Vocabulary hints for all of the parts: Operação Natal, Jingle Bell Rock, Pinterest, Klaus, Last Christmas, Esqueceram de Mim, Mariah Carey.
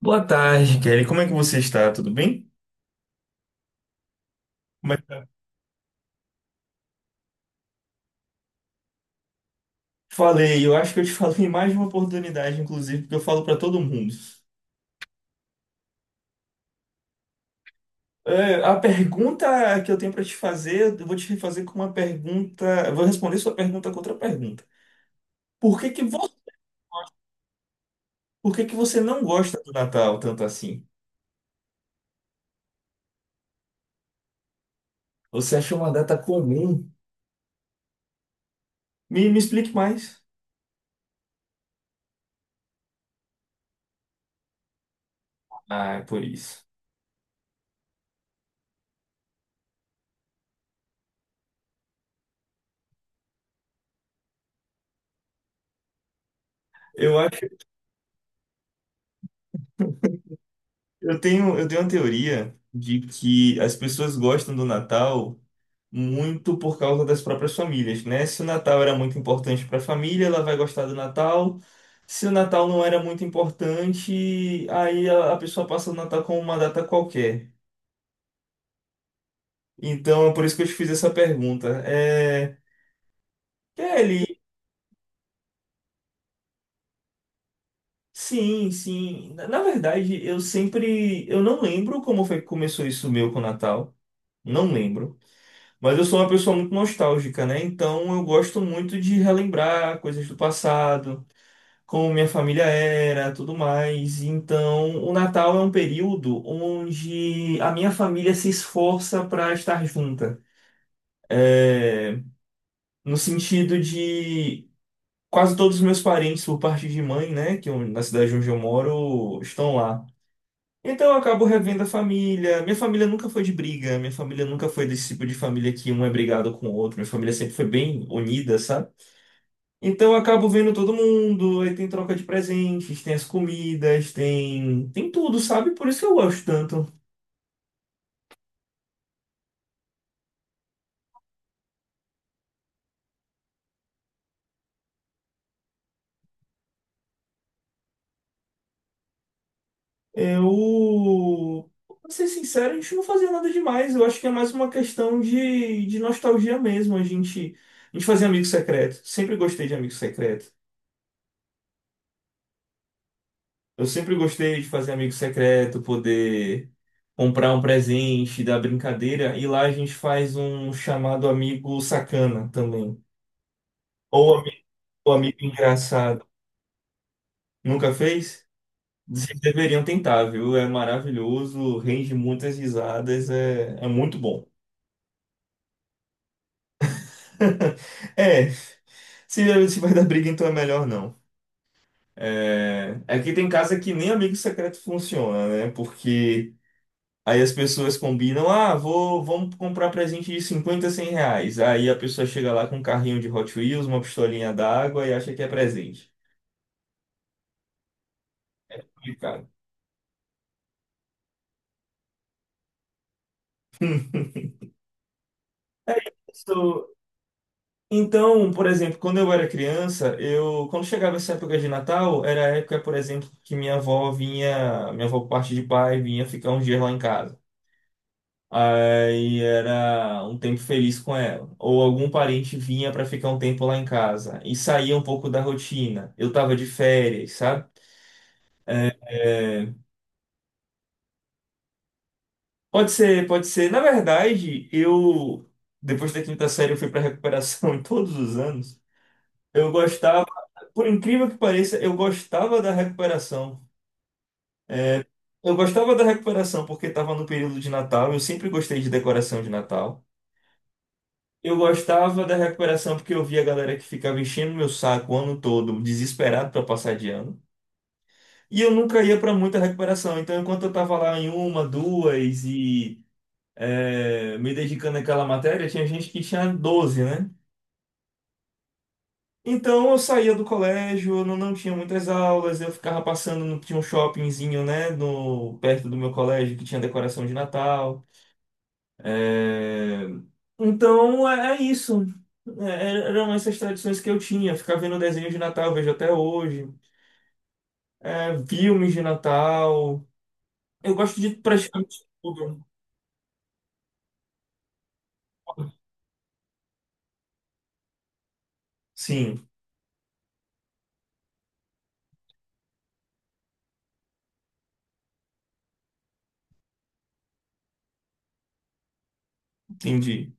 Boa tarde, Kelly. Como é que você está? Tudo bem? Como é que tá? Falei, eu acho que eu te falei em mais de uma oportunidade, inclusive, porque eu falo para todo mundo. É, a pergunta que eu tenho para te fazer, eu vou te fazer com uma pergunta. Eu vou responder sua pergunta com outra pergunta. Por que que, vo... Por que que você não gosta do Natal tanto assim? Você achou uma data comum? Me explique mais. Ah, é por isso. Eu acho, eu tenho uma teoria de que as pessoas gostam do Natal, muito por causa das próprias famílias, né? Se o Natal era muito importante para a família, ela vai gostar do Natal. Se o Natal não era muito importante, aí a pessoa passa o Natal como uma data qualquer. Então, é por isso que eu te fiz essa pergunta. É, Kelly, sim, sim. Na verdade, eu não lembro como foi que começou isso meu com o Natal. Não lembro. Mas eu sou uma pessoa muito nostálgica, né? Então eu gosto muito de relembrar coisas do passado, como minha família era, tudo mais. Então, o Natal é um período onde a minha família se esforça para estar junta. É, no sentido de quase todos os meus parentes, por parte de mãe, né, na cidade onde eu moro, estão lá. Então, eu acabo revendo a família. Minha família nunca foi de briga, minha família nunca foi desse tipo de família que um é brigado com o outro. Minha família sempre foi bem unida, sabe? Então eu acabo vendo todo mundo, aí tem troca de presentes, tem as comidas, tem tudo, sabe? Por isso que eu gosto tanto. Eu, pra ser sincero, a gente não fazia nada demais. Eu acho que é mais uma questão de nostalgia mesmo. A gente fazia amigo secreto. Sempre gostei de amigo secreto. Eu sempre gostei de fazer amigo secreto, poder comprar um presente, dar brincadeira. E lá a gente faz um chamado amigo sacana também. Ou ami- ou amigo engraçado. Nunca fez? Vocês deveriam tentar, viu? É maravilhoso, rende muitas risadas, é muito bom. É, se vai dar briga, então é melhor não. Aqui tem casa que nem amigo secreto funciona, né? Porque aí as pessoas combinam, ah, vamos comprar presente de 50, 100 reais. Aí a pessoa chega lá com um carrinho de Hot Wheels, uma pistolinha d'água e acha que é presente. Complicado. Isso. Então, por exemplo, quando eu era criança, eu quando chegava essa época de Natal, era a época, por exemplo, que minha avó vinha, minha avó por parte de pai vinha ficar uns dias lá em casa. Aí era um tempo feliz com ela. Ou algum parente vinha para ficar um tempo lá em casa e saía um pouco da rotina. Eu tava de férias, sabe? É, é, pode ser, pode ser. Na verdade, eu depois da quinta série eu fui para recuperação em todos os anos. Eu gostava, por incrível que pareça, eu gostava da recuperação. Eu gostava da recuperação porque estava no período de Natal, eu sempre gostei de decoração de Natal. Eu gostava da recuperação porque eu via a galera que ficava enchendo meu saco o ano todo, desesperado para passar de ano. E eu nunca ia para muita recuperação, então enquanto eu tava lá em uma, duas e me dedicando àquela matéria, tinha gente que tinha 12, né? Então eu saía do colégio, eu não tinha muitas aulas, eu ficava passando no, tinha um shoppingzinho, né, no, perto do meu colégio que tinha decoração de Natal. É, Então é isso. Eram essas tradições que eu tinha. Ficar vendo desenho de Natal, eu vejo até hoje. Filmes de Natal. Eu gosto de praticamente tudo. Sim, entendi.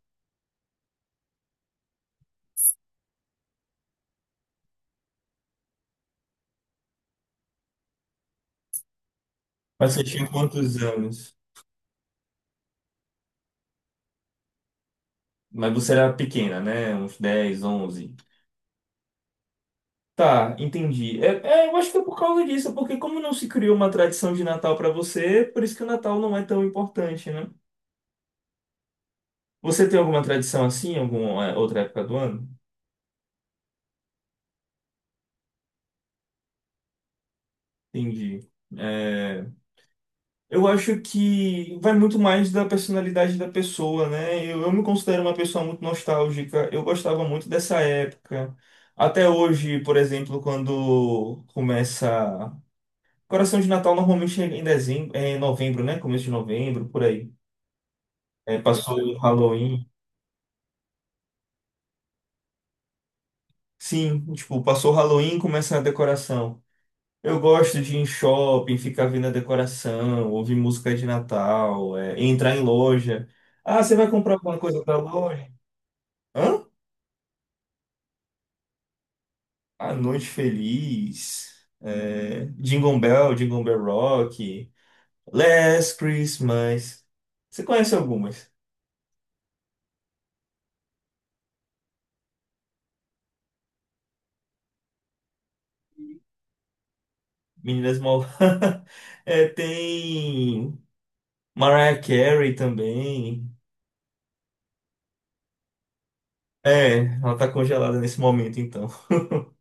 Mas você tinha quantos anos? Mas você era pequena, né? Uns 10, 11. Tá, entendi. Eu acho que é por causa disso, porque como não se criou uma tradição de Natal pra você, por isso que o Natal não é tão importante, né? Você tem alguma tradição assim, alguma outra época do ano? Entendi. É, eu acho que vai muito mais da personalidade da pessoa, né? Eu me considero uma pessoa muito nostálgica. Eu gostava muito dessa época. Até hoje, por exemplo, quando começa. Coração de Natal normalmente é em dezembro, é em novembro, né? Começo de novembro, por aí. Passou o Halloween. Sim, tipo, passou o Halloween, começa a decoração. Eu gosto de ir em shopping, ficar vendo a decoração, ouvir música de Natal, entrar em loja. Ah, você vai comprar alguma coisa da loja? Hã? A Noite Feliz, Jingle Bell, Jingle Bell Rock, Last Christmas. Você conhece algumas? Meninas Mal... Tem Mariah Carey também. Ela tá congelada nesse momento, então.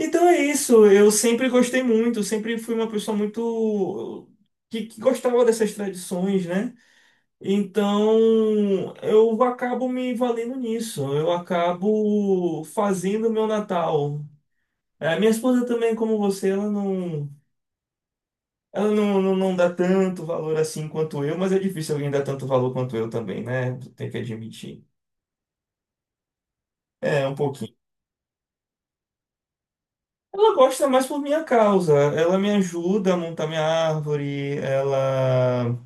Então é isso. Eu sempre gostei muito, sempre fui uma pessoa muito que gostava dessas tradições, né? Então eu acabo me valendo nisso. Eu acabo fazendo o meu Natal. Minha esposa também, como você, ela não dá tanto valor assim quanto eu, mas é difícil alguém dar tanto valor quanto eu também, né? Tem que admitir. É, um pouquinho. Ela gosta mais por minha causa. Ela me ajuda a montar minha árvore. Ela.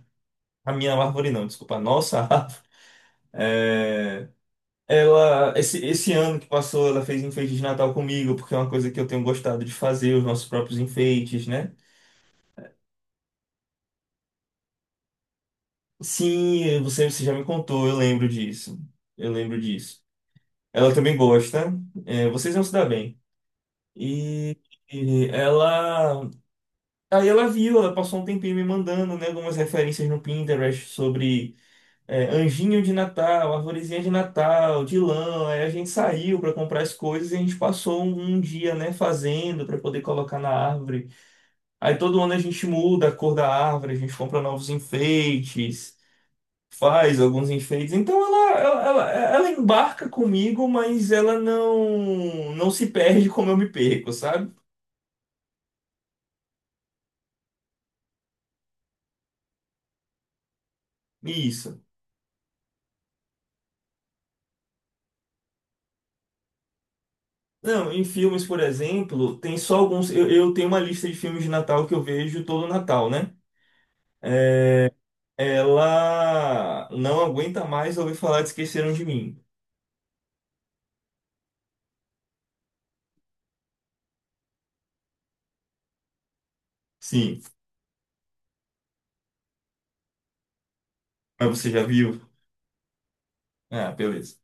A minha árvore não, desculpa, a nossa árvore. É, Ela. Esse ano que passou, ela fez enfeite de Natal comigo, porque é uma coisa que eu tenho gostado de fazer, os nossos próprios enfeites, né? Sim, você já me contou, eu lembro disso. Eu lembro disso. Ela também gosta. Vocês vão se dar bem. E. E ela. Aí ela viu, ela passou um tempinho me mandando, né, algumas referências no Pinterest sobre anjinho de Natal, arvorezinha de Natal, de lã. Aí a gente saiu para comprar as coisas e a gente passou um dia, né, fazendo para poder colocar na árvore. Aí todo ano a gente muda a cor da árvore, a gente compra novos enfeites, faz alguns enfeites. Então ela embarca comigo, mas ela não se perde como eu me perco, sabe? Isso. Não, em filmes, por exemplo, tem só alguns. Eu tenho uma lista de filmes de Natal que eu vejo todo Natal, né? Ela não aguenta mais ouvir falar de Esqueceram de Mim. Sim, mas você já viu? Ah, beleza.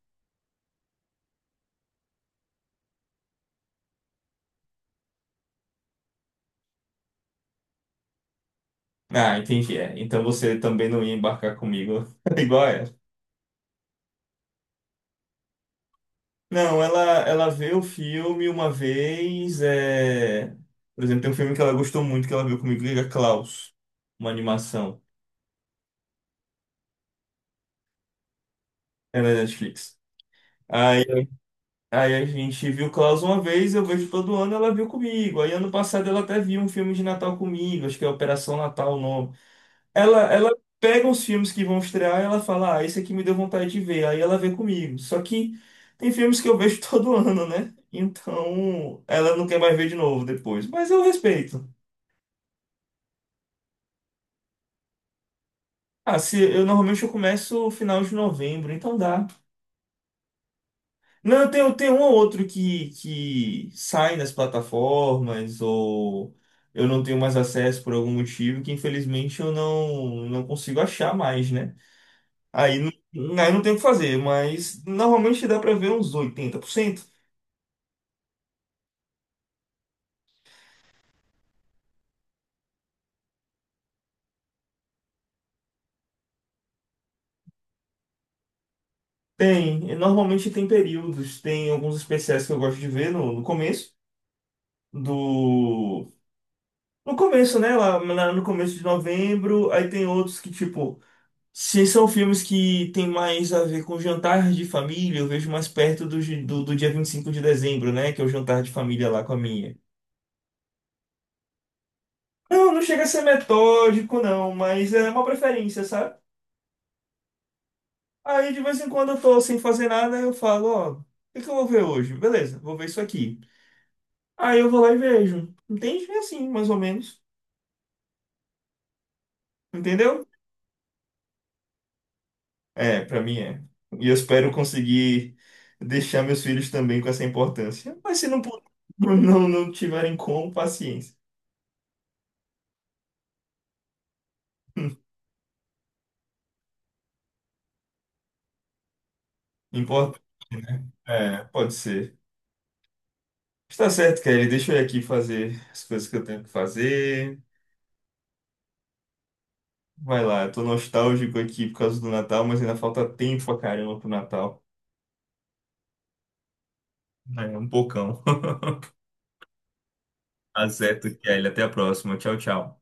Ah, entendi. É. Então você também não ia embarcar comigo igual ela. Não, ela vê o filme uma vez. Por exemplo, tem um filme que ela gostou muito que ela viu comigo, que é Klaus, uma animação. É na Netflix. Aí, aí a gente viu Klaus uma vez, eu vejo todo ano, ela viu comigo. Aí ano passado ela até viu um filme de Natal comigo, acho que é Operação Natal o nome. Ela pega os filmes que vão estrear e ela fala, ah, esse aqui me deu vontade de ver. Aí ela vê comigo. Só que tem filmes que eu vejo todo ano, né? Então ela não quer mais ver de novo depois. Mas eu respeito. Ah, se eu normalmente eu começo no final de novembro, então dá. Não, tem um ou outro que sai nas plataformas ou eu não tenho mais acesso por algum motivo que infelizmente eu não consigo achar mais, né? Aí, aí não tem o que fazer, mas normalmente dá pra ver uns 80%. Tem, e normalmente tem períodos, tem alguns especiais que eu gosto de ver no começo do. No começo, né? No começo de novembro, aí tem outros que, tipo, se são filmes que tem mais a ver com jantar de família, eu vejo mais perto do dia 25 de dezembro, né? Que é o jantar de família lá com a minha. Não, não chega a ser metódico, não, mas é uma preferência, sabe? Aí de vez em quando eu tô sem fazer nada, eu falo, ó, o que que eu vou ver hoje? Beleza, vou ver isso aqui. Aí eu vou lá e vejo. Entende? É assim, mais ou menos. Entendeu? É, pra mim é. E eu espero conseguir deixar meus filhos também com essa importância. Mas se não, não tiverem como, paciência. Importante, né? É, pode ser. Está certo, Kelly. Deixa eu ir aqui fazer as coisas que eu tenho que fazer. Vai lá, eu tô nostálgico aqui por causa do Natal, mas ainda falta tempo pra caramba pro Natal. É um bocão. Azeto, Kelly. Até a próxima. Tchau, tchau.